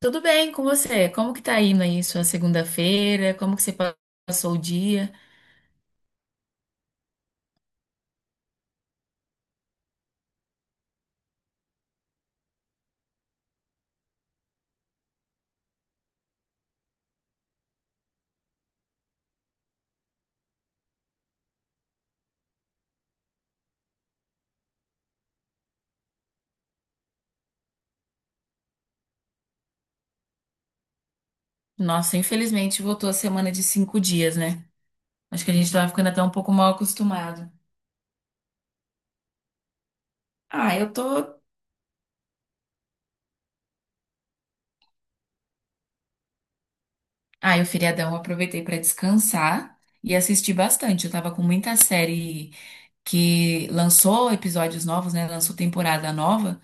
Tudo bem com você? Como que tá indo aí sua segunda-feira? Como que você passou o dia? Nossa, infelizmente voltou a semana de 5 dias, né? Acho que a gente tava ficando até um pouco mal acostumado. Ah, eu tô. Ah, eu feriadão eu aproveitei pra descansar e assistir bastante. Eu tava com muita série que lançou episódios novos, né? Lançou temporada nova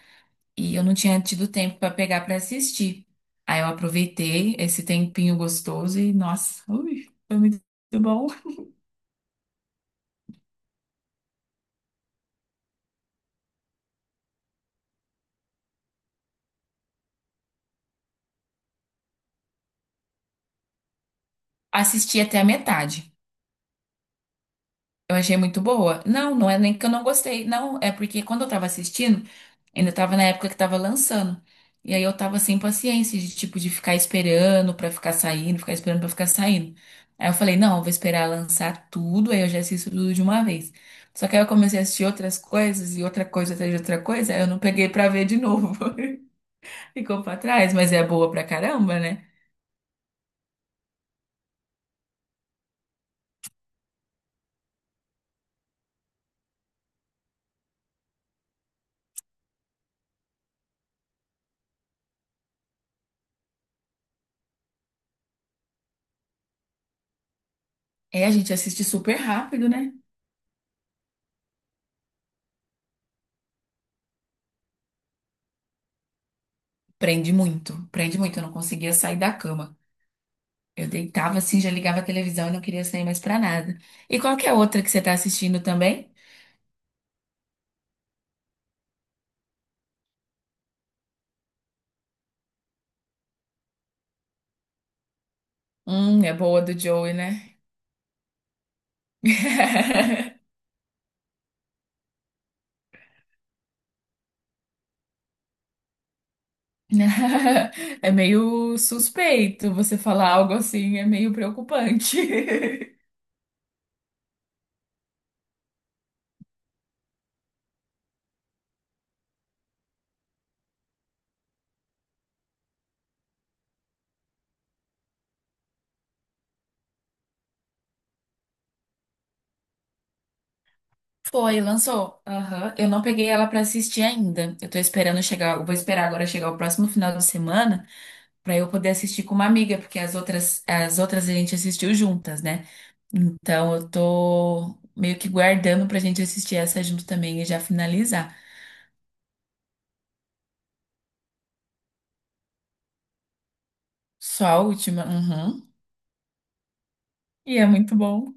e eu não tinha tido tempo pra pegar pra assistir. Aí eu aproveitei esse tempinho gostoso e, nossa, ui, foi muito bom. Assisti até a metade. Eu achei muito boa. Não, não é nem que eu não gostei. Não, é porque quando eu tava assistindo, ainda tava na época que tava lançando. E aí eu tava sem paciência de tipo de ficar esperando pra ficar saindo, ficar esperando pra ficar saindo. Aí eu falei, não, eu vou esperar lançar tudo, aí eu já assisto tudo de uma vez. Só que aí eu comecei a assistir outras coisas e outra coisa atrás de outra coisa, aí eu não peguei pra ver de novo. Ficou pra trás, mas é boa pra caramba, né? É, a gente assiste super rápido, né? Prende muito, prende muito. Eu não conseguia sair da cama. Eu deitava assim, já ligava a televisão e não queria sair mais pra nada. E qual que é a outra que você tá assistindo também? É boa do Joey, né? É meio suspeito você falar algo assim, é meio preocupante. Foi, lançou. Aham. Eu não peguei ela pra assistir ainda. Eu tô esperando chegar, eu vou esperar agora chegar o próximo final de semana. Para eu poder assistir com uma amiga, porque as outras a gente assistiu juntas, né? Então eu tô meio que guardando pra gente assistir essa junto também e já finalizar. Só a última. Uhum. E é muito bom.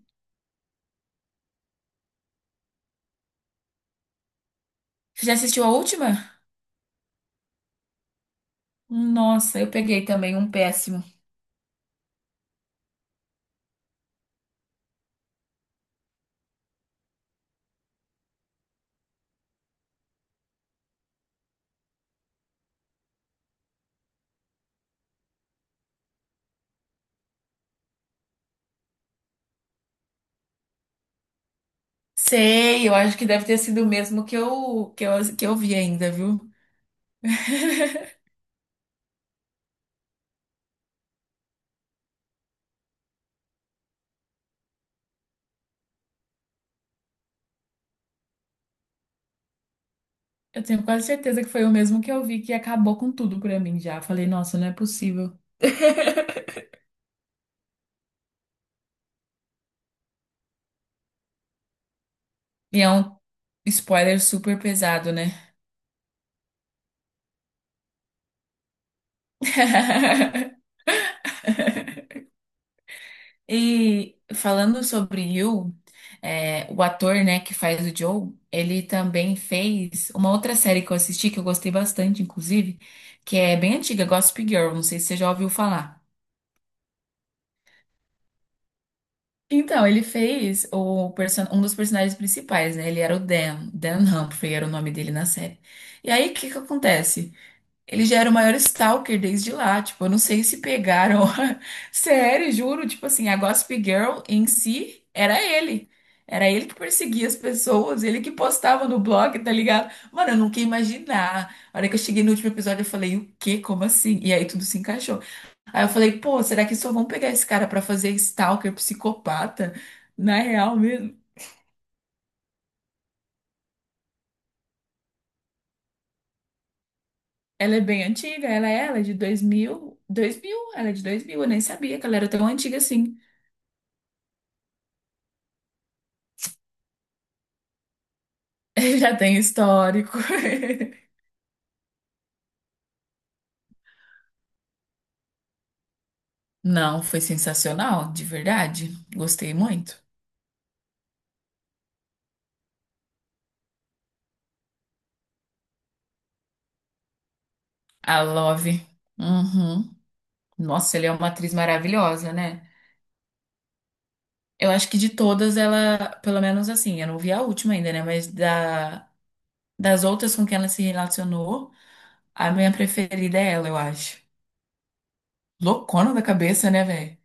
Você já assistiu a última? Nossa, eu peguei também um péssimo. Sei, eu acho que deve ter sido o mesmo que eu vi ainda, viu? Eu tenho quase certeza que foi o mesmo que eu vi que acabou com tudo pra mim já. Falei, nossa, não é possível. E é um spoiler super pesado, né? E falando sobre You, é, o ator, né, que faz o Joe, ele também fez uma outra série que eu assisti, que eu gostei bastante, inclusive, que é bem antiga, Gossip Girl, não sei se você já ouviu falar. Então, ele fez o um dos personagens principais, né? Ele era o Dan, Dan Humphrey era o nome dele na série. E aí, o que que acontece? Ele já era o maior stalker desde lá. Tipo, eu não sei se pegaram. Sério, juro. Tipo assim, a Gossip Girl em si era ele. Era ele que perseguia as pessoas, ele que postava no blog, tá ligado? Mano, eu nunca ia imaginar. A hora que eu cheguei no último episódio, eu falei, o quê? Como assim? E aí tudo se encaixou. Aí eu falei, pô, será que só vão pegar esse cara pra fazer stalker, psicopata? Na real mesmo. Ela é bem antiga, ela é de 2000. 2000? Ela é de 2000, eu nem sabia que ela era tão antiga assim. Já tem histórico. Não, foi sensacional, de verdade. Gostei muito. A Love. Uhum. Nossa, ele é uma atriz maravilhosa, né? Eu acho que de todas ela, pelo menos assim, eu não vi a última ainda, né? Mas da, das outras com quem ela se relacionou, a minha preferida é ela, eu acho. Loucona da cabeça, né, velho?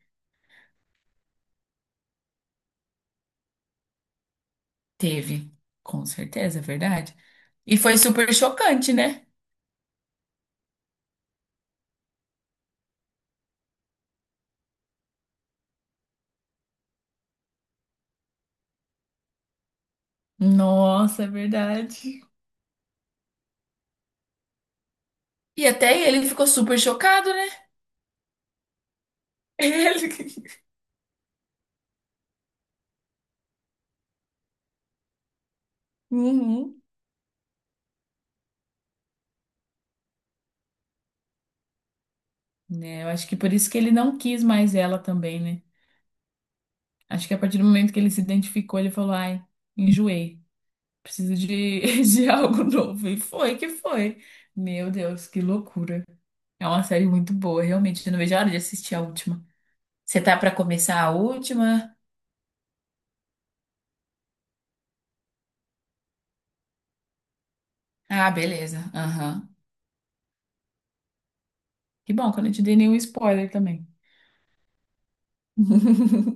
Teve. Com certeza, é verdade. E foi super chocante, né? Nossa, é verdade. E até ele ficou super chocado, né? Ele. Uhum. Né? Eu acho que por isso que ele não quis mais ela também, né? Acho que a partir do momento que ele se identificou, ele falou, ai, enjoei, preciso de, de algo novo. E foi que foi. Meu Deus, que loucura. É uma série muito boa, realmente. Eu não vejo a hora de assistir a última. Você tá pra começar a última? Ah, beleza. Aham. Que bom que eu não te dei nenhum spoiler também.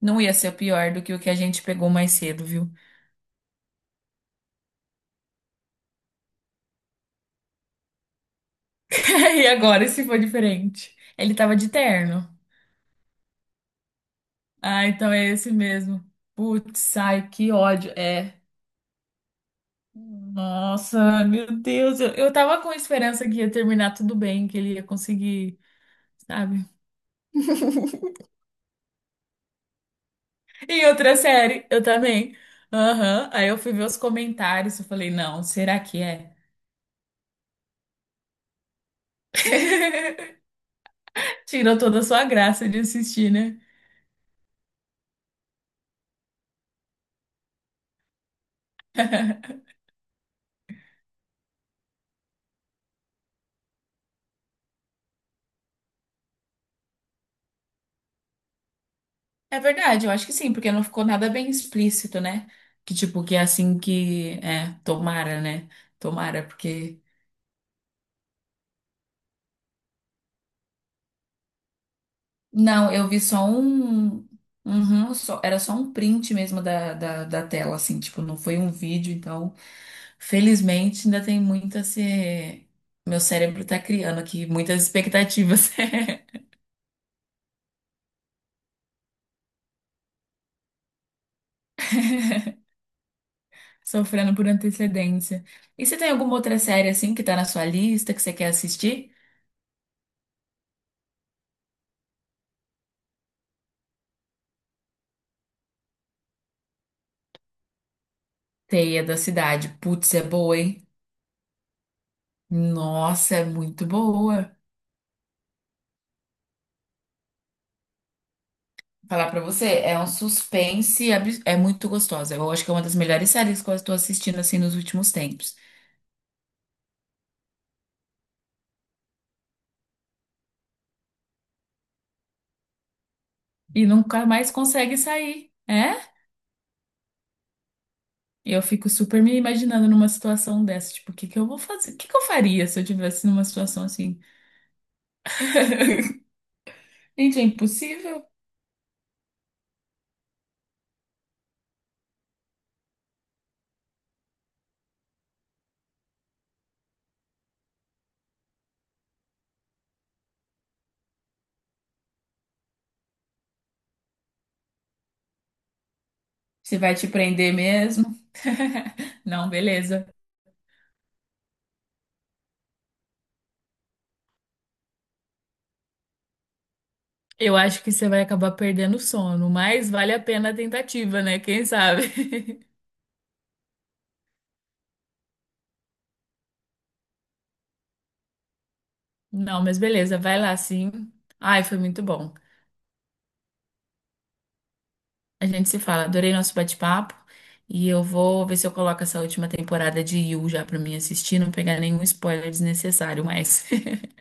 Não ia ser pior do que o que a gente pegou mais cedo, viu? E agora, se for diferente? Ele tava de terno. Ah, então é esse mesmo. Putz, ai, que ódio. É. Nossa, meu Deus. Eu tava com esperança que ia terminar tudo bem, que ele ia conseguir, sabe? Em outra série, eu também. Aham. Aí eu fui ver os comentários. Eu falei, não, será que é? Tirou toda a sua graça de assistir, né? É verdade, eu acho que sim, porque não ficou nada bem explícito, né? Que tipo, que é assim que. É, tomara, né? Tomara, porque. Não, eu vi só um. Uhum, era só um print mesmo da tela, assim, tipo, não foi um vídeo, então, felizmente ainda tem muito a ser. Meu cérebro tá criando aqui muitas expectativas, sofrendo por antecedência. E você tem alguma outra série, assim, que tá na sua lista, que você quer assistir? Teia da Cidade. Putz, é boa, hein? Nossa, é muito boa. Falar pra você, é um suspense, é muito gostosa. Eu acho que é uma das melhores séries que eu estou assistindo assim nos últimos tempos. E nunca mais consegue sair, é? E eu fico super me imaginando numa situação dessa, tipo, o que que eu vou fazer? O que que eu faria se eu tivesse numa situação assim? Gente, é impossível. Você vai te prender mesmo? Não, beleza. Eu acho que você vai acabar perdendo o sono, mas vale a pena a tentativa, né? Quem sabe? Não, mas beleza, vai lá sim. Ai, foi muito bom. A gente se fala. Adorei nosso bate-papo. E eu vou ver se eu coloco essa última temporada de You já pra mim assistir, não pegar nenhum spoiler desnecessário mais.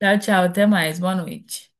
Tchau, tchau. Até mais. Boa noite.